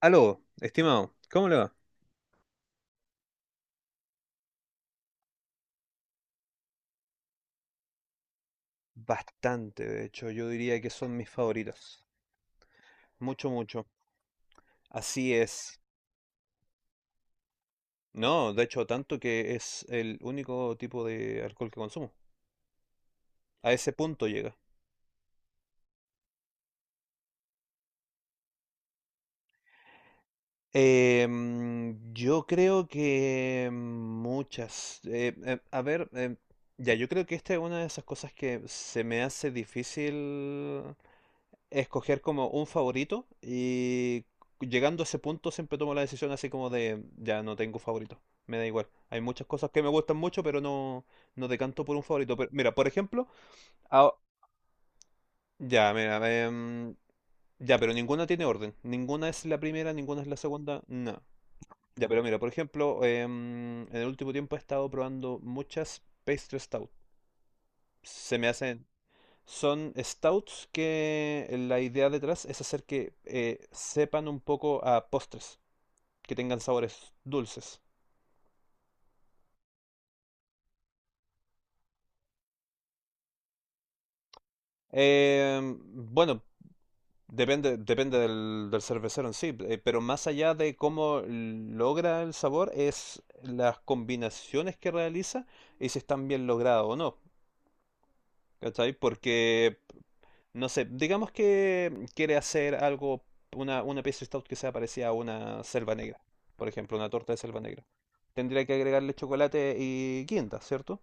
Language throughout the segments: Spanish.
Aló, estimado, ¿cómo le va? Bastante, de hecho, yo diría que son mis favoritos. Mucho, mucho. Así es. No, de hecho, tanto que es el único tipo de alcohol que consumo. A ese punto llega. Yo creo que muchas. A ver, ya, yo creo que esta es una de esas cosas que se me hace difícil escoger como un favorito y llegando a ese punto siempre tomo la decisión así como de, ya no tengo favorito, me da igual. Hay muchas cosas que me gustan mucho, pero no, no decanto por un favorito. Pero mira, por ejemplo, ah, ya, mira, em, ya, pero ninguna tiene orden. Ninguna es la primera, ninguna es la segunda, no. Ya, pero mira, por ejemplo, en el último tiempo he estado probando muchas pastry stout. Se me hacen... Son stouts que la idea detrás es hacer que sepan un poco a postres, que tengan sabores dulces. Em, bueno, depende del cervecero en sí, pero más allá de cómo logra el sabor es las combinaciones que realiza y si están bien logradas o no. ¿Cachai? Porque no sé, digamos que quiere hacer algo, una pieza stout que sea parecida a una selva negra, por ejemplo, una torta de selva negra. Tendría que agregarle chocolate y quinta, ¿cierto?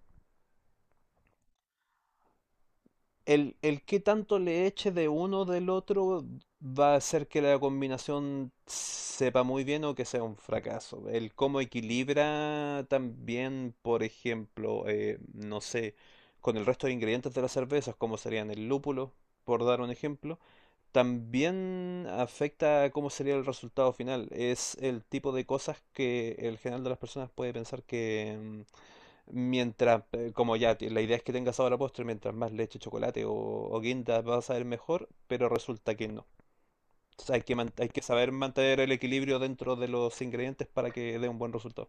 El qué tanto le eche de uno del otro va a hacer que la combinación sepa muy bien o que sea un fracaso. El cómo equilibra también, por ejemplo, no sé, con el resto de ingredientes de las cervezas, como serían el lúpulo, por dar un ejemplo, también afecta a cómo sería el resultado final. Es el tipo de cosas que el general de las personas puede pensar que, mm, mientras, como ya, la idea es que tenga sabor a postre, mientras más leche, chocolate o guinda va a saber mejor, pero resulta que no. O sea, hay que, hay que saber mantener el equilibrio dentro de los ingredientes para que dé un buen resultado.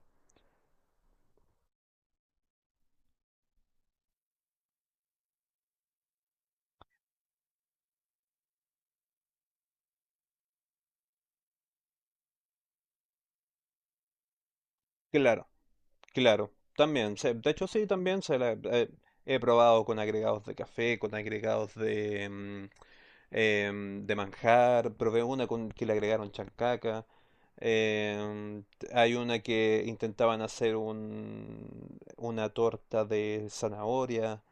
Claro, claro, también. De hecho, sí, también se la, he probado con agregados de café, con agregados de, mm, de manjar, probé una con que le agregaron chancaca. Eh, Hay una que intentaban hacer una torta de zanahoria.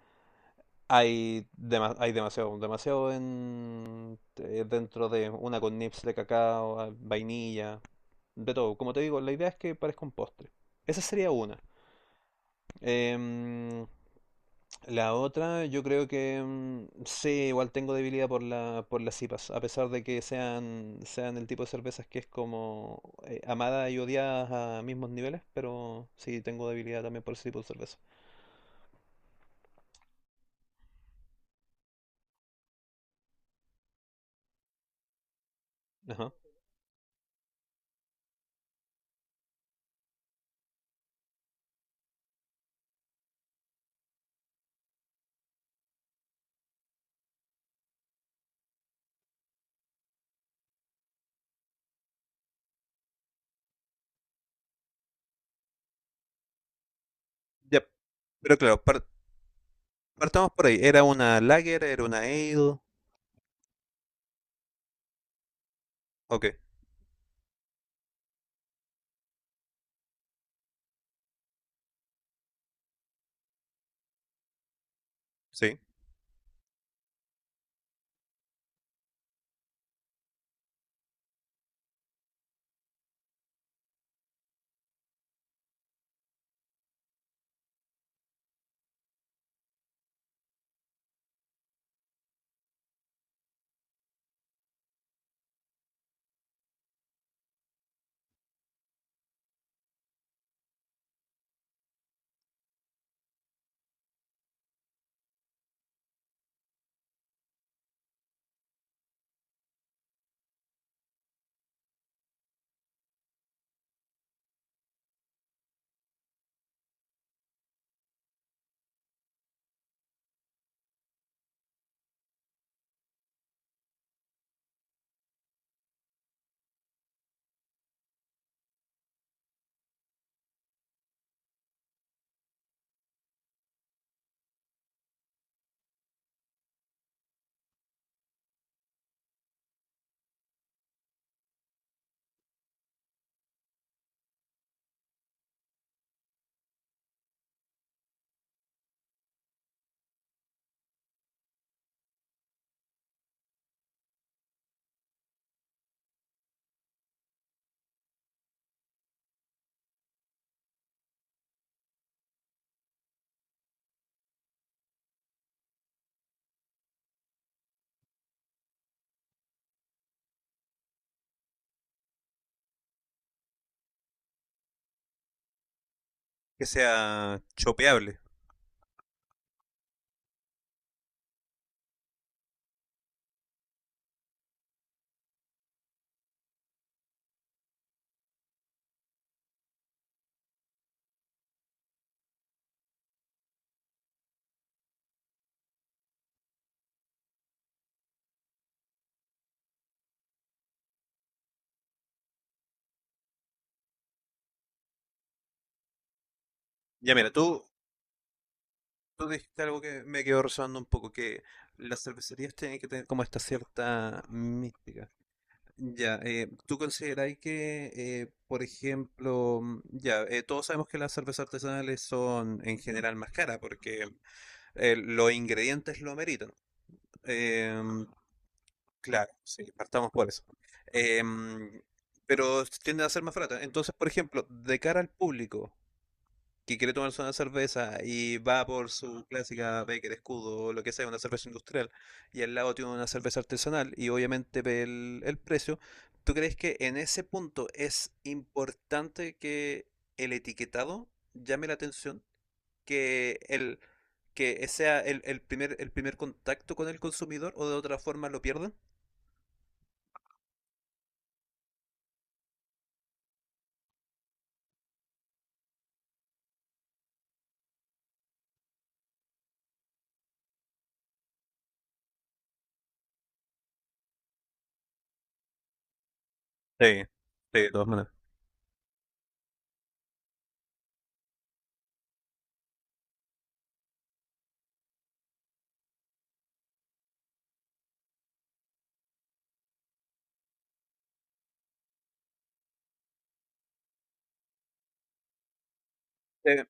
Hay, hay demasiado, demasiado en, dentro de una con nips de cacao, ah, vainilla, de todo. Como te digo, la idea es que parezca un postre. Esa sería una. Em, la otra, yo creo que mm, sí, igual tengo debilidad por la, por las IPAs, a pesar de que sean, sean el tipo de cervezas que es como amada y odiada a mismos niveles, pero sí tengo debilidad también por ese tipo de cerveza. Ajá. Ya, pero claro, partamos por ahí. ¿Era una lager? ¿Era una ale? Ok, sí. Que sea chopeable. Ya mira, tú dijiste algo que me quedó resonando un poco, que las cervecerías tienen que tener como esta cierta mística. Ya, ¿tú consideráis que, por ejemplo, mm, ya, todos sabemos que las cervezas artesanales son en general más caras porque los ingredientes lo ameritan? Em, claro, sí, partamos por eso. Em, pero tienden a ser más baratas. Entonces, por ejemplo, de cara al público, que quiere tomarse una cerveza y va por su clásica Becker Escudo o lo que sea, una cerveza industrial, y al lado tiene una cerveza artesanal y obviamente ve el precio, ¿tú crees que en ese punto es importante que el etiquetado llame la atención? Que el que sea el primer el primer contacto con el consumidor o de otra forma lo pierden? Sí, sí, de todas maneras. Eh,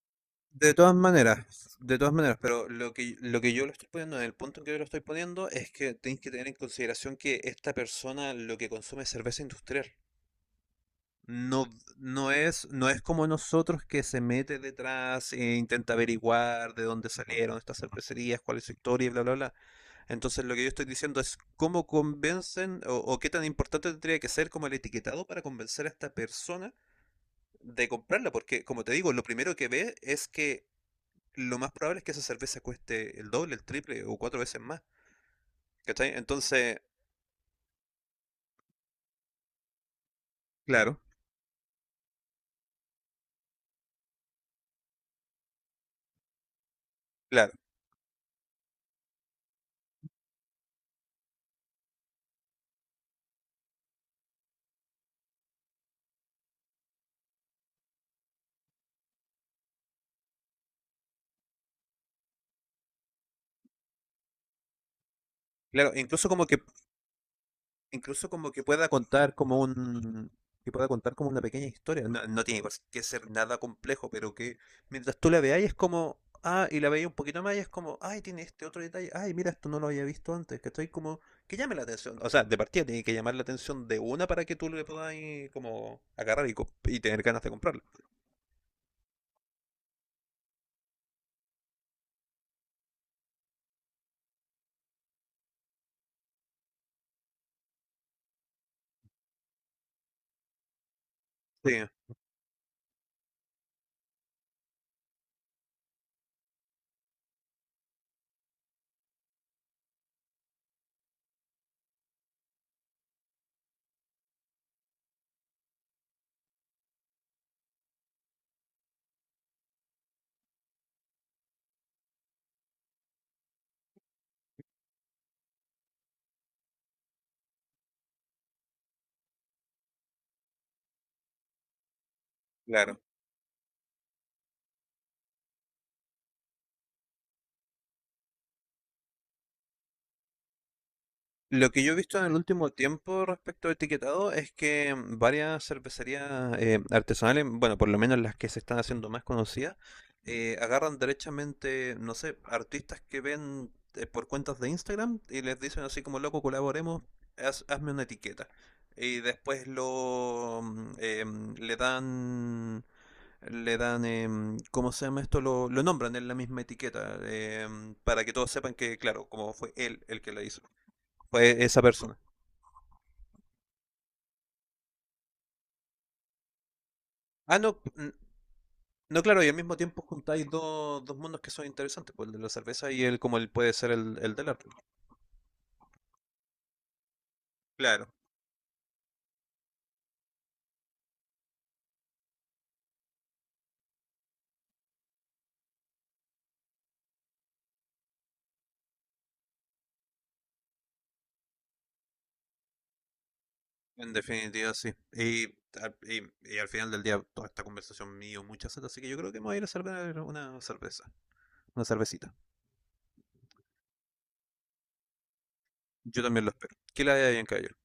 De todas maneras, de todas maneras, pero lo que yo lo estoy poniendo, en el punto en que yo lo estoy poniendo, es que tenéis que tener en consideración que esta persona lo que consume es cerveza industrial. No, no es como nosotros que se mete detrás e intenta averiguar de dónde salieron estas cervecerías, cuál es su historia y bla, bla, bla. Entonces lo que yo estoy diciendo es cómo convencen o qué tan importante tendría que ser como el etiquetado para convencer a esta persona de comprarla, porque como te digo, lo primero que ve es que lo más probable es que esa cerveza cueste el doble, el triple o cuatro veces más. ¿Cachai? Entonces, claro, claro, claro. Incluso como que pueda contar como un, que pueda contar como una pequeña historia. No, no tiene por que ser nada complejo, pero que mientras tú la veas es como, ah, y la veía un poquito más y es como, ay, tiene este otro detalle, ay, mira, esto no lo había visto antes, que estoy como, que llame la atención. O sea, de partida tiene que llamar la atención de una para que tú le puedas ahí como agarrar y, y tener ganas de comprarla. Sí, claro. Lo que yo he visto en el último tiempo respecto al etiquetado es que varias cervecerías artesanales, bueno, por lo menos las que se están haciendo más conocidas, agarran derechamente, no sé, artistas que ven por cuentas de Instagram y les dicen así como, loco, colaboremos, hazme una etiqueta. Y después lo mm, le dan ¿cómo se llama esto? Lo nombran en la misma etiqueta, para que todos sepan que, claro, como fue él el que la hizo fue esa persona. Ah, no, no, claro, y al mismo tiempo juntáis dos, dos mundos que son interesantes, pues el de la cerveza y el como el puede ser el del arte. Claro, en definitiva sí. Y, y al final del día toda esta conversación mío, muchas seta, así que yo creo que me voy a ir a servir una cerveza, una cervecita. Yo también lo espero. Que la haya bien, caballero.